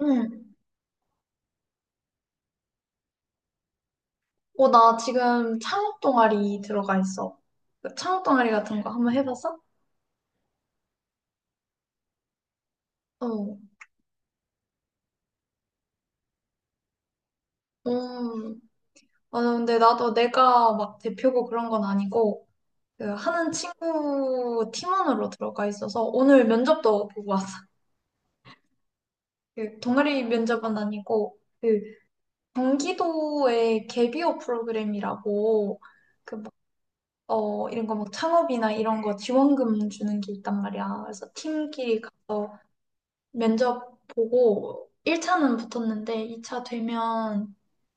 응. 나 지금 창업 동아리 들어가 있어. 그 창업 동아리 같은 거 한번 해봤어? 어. 음. 아, 근데 나도 내가 막 대표고 그런 건 아니고, 그 하는 친구 팀원으로 들어가 있어서 오늘 면접도 보고 왔어. 그 동아리 면접은 아니고, 경기도의 개비호 프로그램이라고, 그 막, 이런 거 막 창업이나 이런 거 지원금 주는 게 있단 말이야. 그래서 팀끼리 가서 면접 보고 1차는 붙었는데 2차 되면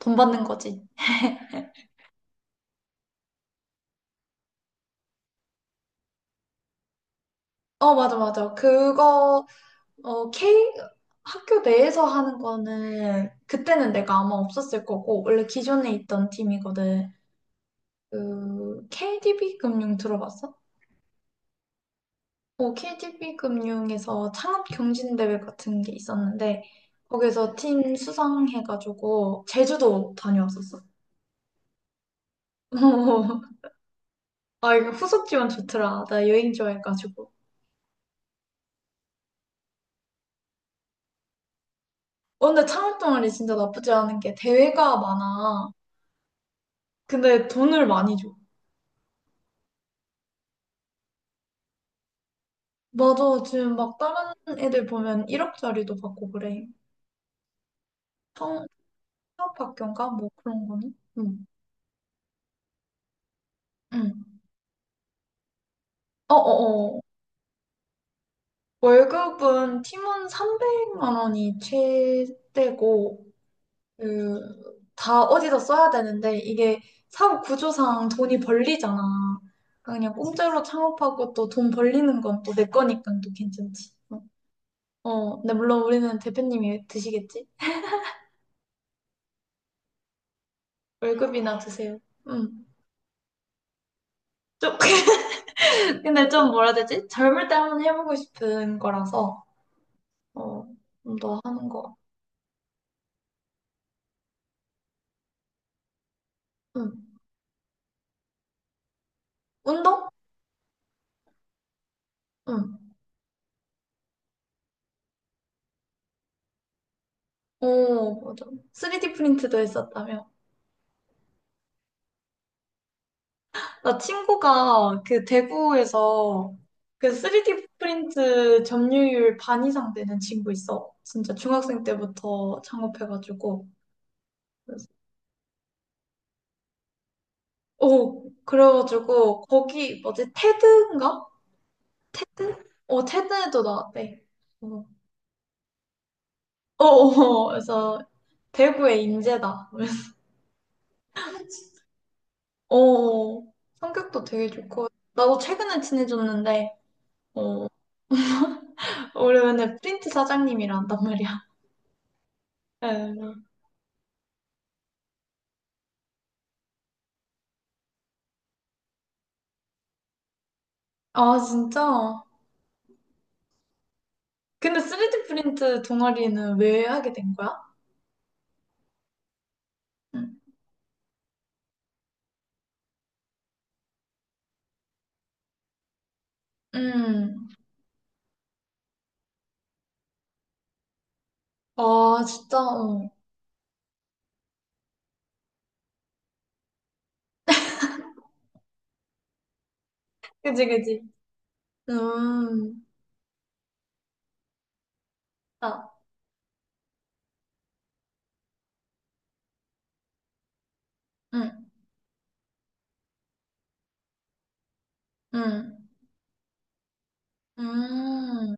돈 받는 거지. 어, 맞아, 맞아. 그거, 어, K, 학교 내에서 하는 거는 그때는 내가 아마 없었을 거고, 원래 기존에 있던 팀이거든. KDB 금융 들어봤어? KDB 금융에서 창업 경진대회 같은 게 있었는데, 거기서 팀 수상해가지고, 제주도 다녀왔었어. 아, 이거 후속 지원 좋더라. 나 여행 좋아해가지고. 근데 창업동아리 진짜 나쁘지 않은 게 대회가 많아. 근데 돈을 많이 줘. 맞아. 지금 막 다른 애들 보면 1억짜리도 받고 그래. 창- 창업학교인가? 뭐 그런 거는? 응. 응. 어어어. 월급은 팀원 300만 원이 최대고, 그, 다 어디다 써야 되는데, 이게 사업 구조상 돈이 벌리잖아. 그러니까 그냥 공짜로 창업하고 또 돈 벌리는 건 또 내 거니까 또 괜찮지. 어. 근데 물론 우리는 대표님이 드시겠지? 월급이나 드세요. 음. 좀, 근데 좀 뭐라 해야 되지? 젊을 때 한번 해보고 싶은 거라서, 어, 좀 더 하는 거. 음. 운동? 음. 오, 맞아. 3D 프린트도 했었다며. 나 친구가 그 대구에서 그 3D 프린트 점유율 반 이상 되는 친구 있어. 진짜 중학생 때부터 창업해가지고. 그래서 오, 그래가지고 거기 뭐지? 테드인가? 테드? 테드에도 나왔대. 어, 어, 어. 그래서 대구의 인재다. 그래서 어, 성격도 되게 좋고. 나도 최근에 친해졌는데, 어, 우리 맨날 프린트 사장님이라 한단 말이야. 에. 아, 진짜? 근데 3D 프린트 동아리는 왜 하게 된 거야? 음, 음. 아, 진짜? 어. 그지, 그지. 음, 아, 음, 음, 음.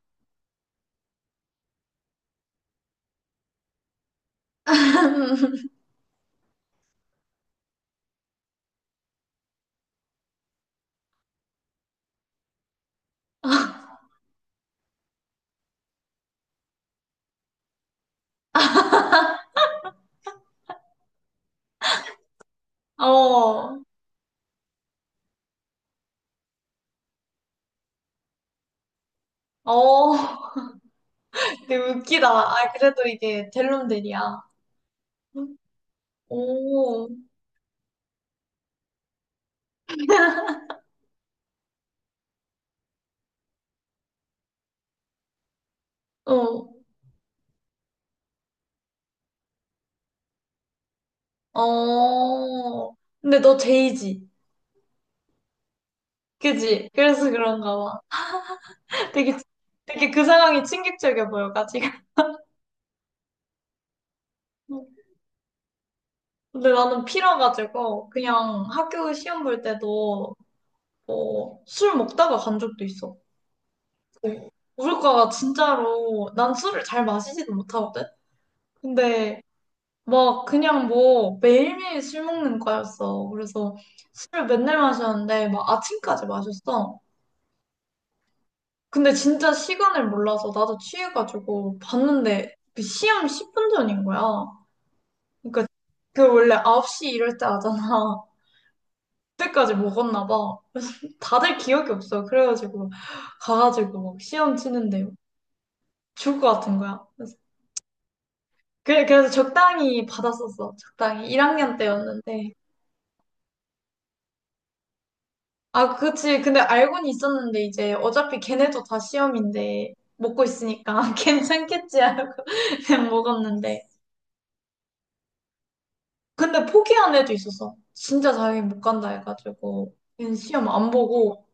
어, 어, 되게 웃기다. 아, 그래도 이게 델론들이야. 오, 어, 어. 근데 너 제이지. 그지? 그래서 그런가 봐. 되게, 되게 그 상황이 충격적이야 보여가지고. 근데 나는 피라가지고 그냥 학교 시험 볼 때도 뭐술 먹다가 간 적도 있어. 우리 과가 진짜로 난 술을 잘 마시지도 못하거든? 근데 막 그냥 뭐 매일매일 술 먹는 거였어. 그래서 술을 맨날 마셨는데 막 아침까지 마셨어. 근데 진짜 시간을 몰라서 나도 취해가지고 봤는데 그 시험 10분 전인 거야. 그러니까 그 원래 9시 이럴 때 하잖아. 그때까지 먹었나 봐. 다들 기억이 없어. 그래가지고 가가지고 막 시험 치는데 죽을 것 같은 거야. 그래서 적당히 받았었어. 적당히 1학년 때였는데. 아, 그치. 근데 알고는 있었는데, 이제 어차피 걔네도 다 시험인데, 먹고 있으니까 괜찮겠지 하고 그냥 먹었는데. 근데 포기한 애도 있었어. 진짜 자기 못 간다 해가지고. 그냥 시험 안 보고,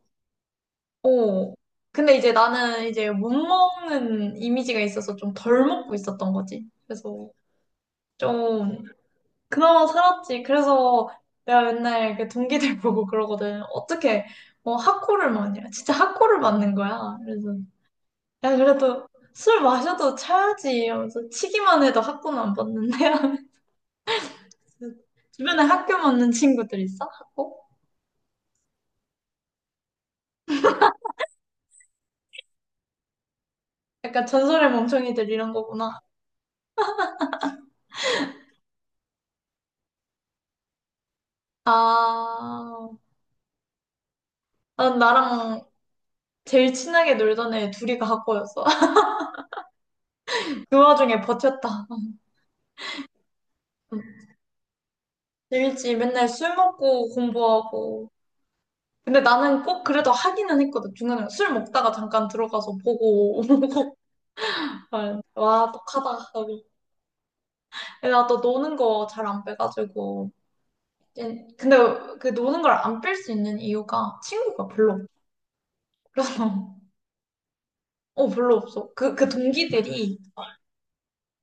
어. 근데 이제 나는 이제 못 먹는 이미지가 있어서 좀 덜 먹고 있었던 거지. 그래서 좀, 그나마 살았지. 그래서 내가 맨날 그 동기들 보고 그러거든. 어떻게, 학고를 맞냐. 진짜 학고를 맞는 거야. 그래서. 야, 그래도 술 마셔도 차야지 하면서 치기만 해도 학고는 안 봤는데. 주변에 학교 맞는 친구들 있어? 학고? 약간 전설의 멍청이들 이런 거구나. 아, 난 나랑 제일 친하게 놀던 애 둘이가 학고였어. 그 와중에 버텼다. 일지 맨날 술 먹고 공부하고. 근데 나는 꼭 그래도 하기는 했거든. 중간에 술 먹다가 잠깐 들어가서 보고 오고. 아, 와, 똑하다. 나도 노는 거 잘 안 빼가지고. 예, 근데 그 노는 걸 안 뺄 수 있는 이유가 친구가 별로 없어. 그래서 별로 없어. 그 동기들이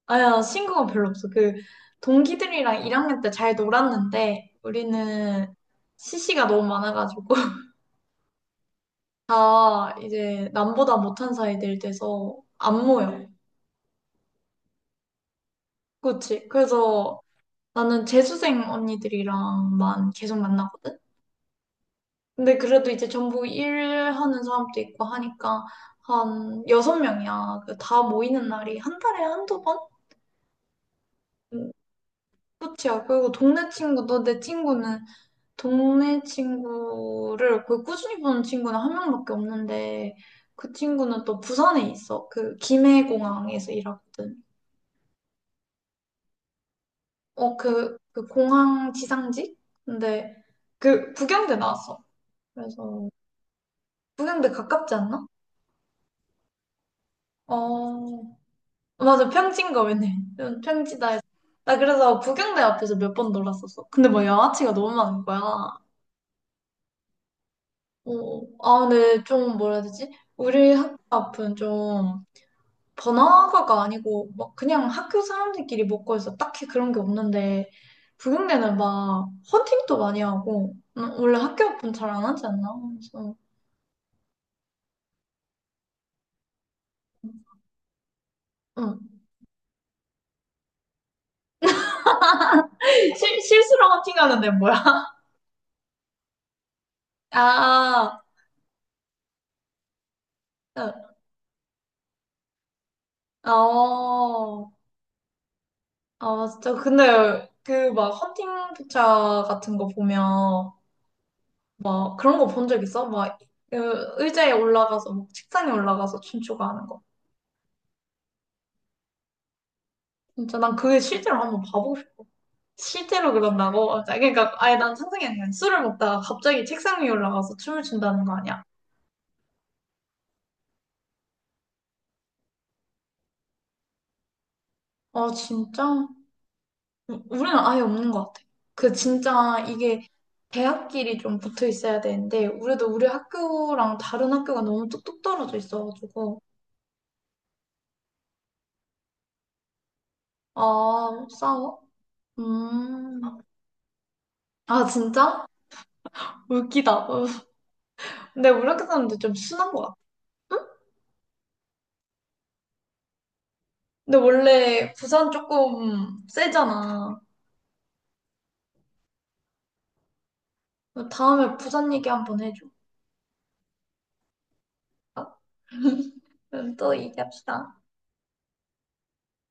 아야 친구가 별로 없어. 그 동기들이랑 1학년 때 잘 놀았는데 우리는 CC가 너무 많아가지고 다 이제 남보다 못한 사이들 돼서 안 모여. 그렇지. 그래서 나는 재수생 언니들이랑만 계속 만나거든. 근데 그래도 이제 전부 일하는 사람도 있고 하니까 한 여섯 명이야. 그다 모이는 날이 한 달에 한두 번? 음, 끝이야. 그리고 동네 친구도 내 친구는 동네 친구를 거의 꾸준히 보는 친구는 한 명밖에 없는데 그 친구는 또 부산에 있어. 그 김해공항에서 일하거든. 그 공항 지상직? 근데 그 북경대 나왔어. 그래서 북경대 가깝지 않나? 어. 맞아, 평지인 거 맨날. 좀 평지다 해서. 나 그래서 구경대 앞에서 몇 번 놀았었어. 근데 뭐 양아치가 너무 많은 거야. 아, 근데 좀 뭐라 해야 되지? 우리 학교 앞은 좀 번화가가 아니고 막 그냥 학교 사람들끼리 먹고 해서 딱히 그런 게 없는데 구경대는 막 헌팅도 많이 하고 원래 학교 앞은 잘 안 하지 않나? 그래서 응. 실수로 헌팅하는데 뭐야? 아, 아, 응. 어. 아, 진짜. 근데 그 막 헌팅 기차 같은 거 보면 막 그런 거 본 적 있어? 막 그 의자에 올라가서 막 책상에 올라가서 춤추고 하는 거. 진짜 난 그게 실제로 한번 봐보고 싶어. 실제로 그런다고? 아, 그러니까 아예 난 상상이 안 돼. 술을 먹다가 갑자기 책상 위에 올라가서 춤을 춘다는 거 아니야? 아, 진짜? 우리는 아예 없는 것 같아. 그 진짜 이게 대학끼리 좀 붙어 있어야 되는데 우리도 우리 학교랑 다른 학교가 너무 뚝뚝 떨어져 있어가지고 아, 싸워? 음. 아, 진짜? 웃기다. 어. 근데 우리학교사람들 좀 순한 것 같아. 응? 근데 원래 부산 조금 세잖아. 다음에 부산 얘기 한번 해줘. 또 얘기합시다.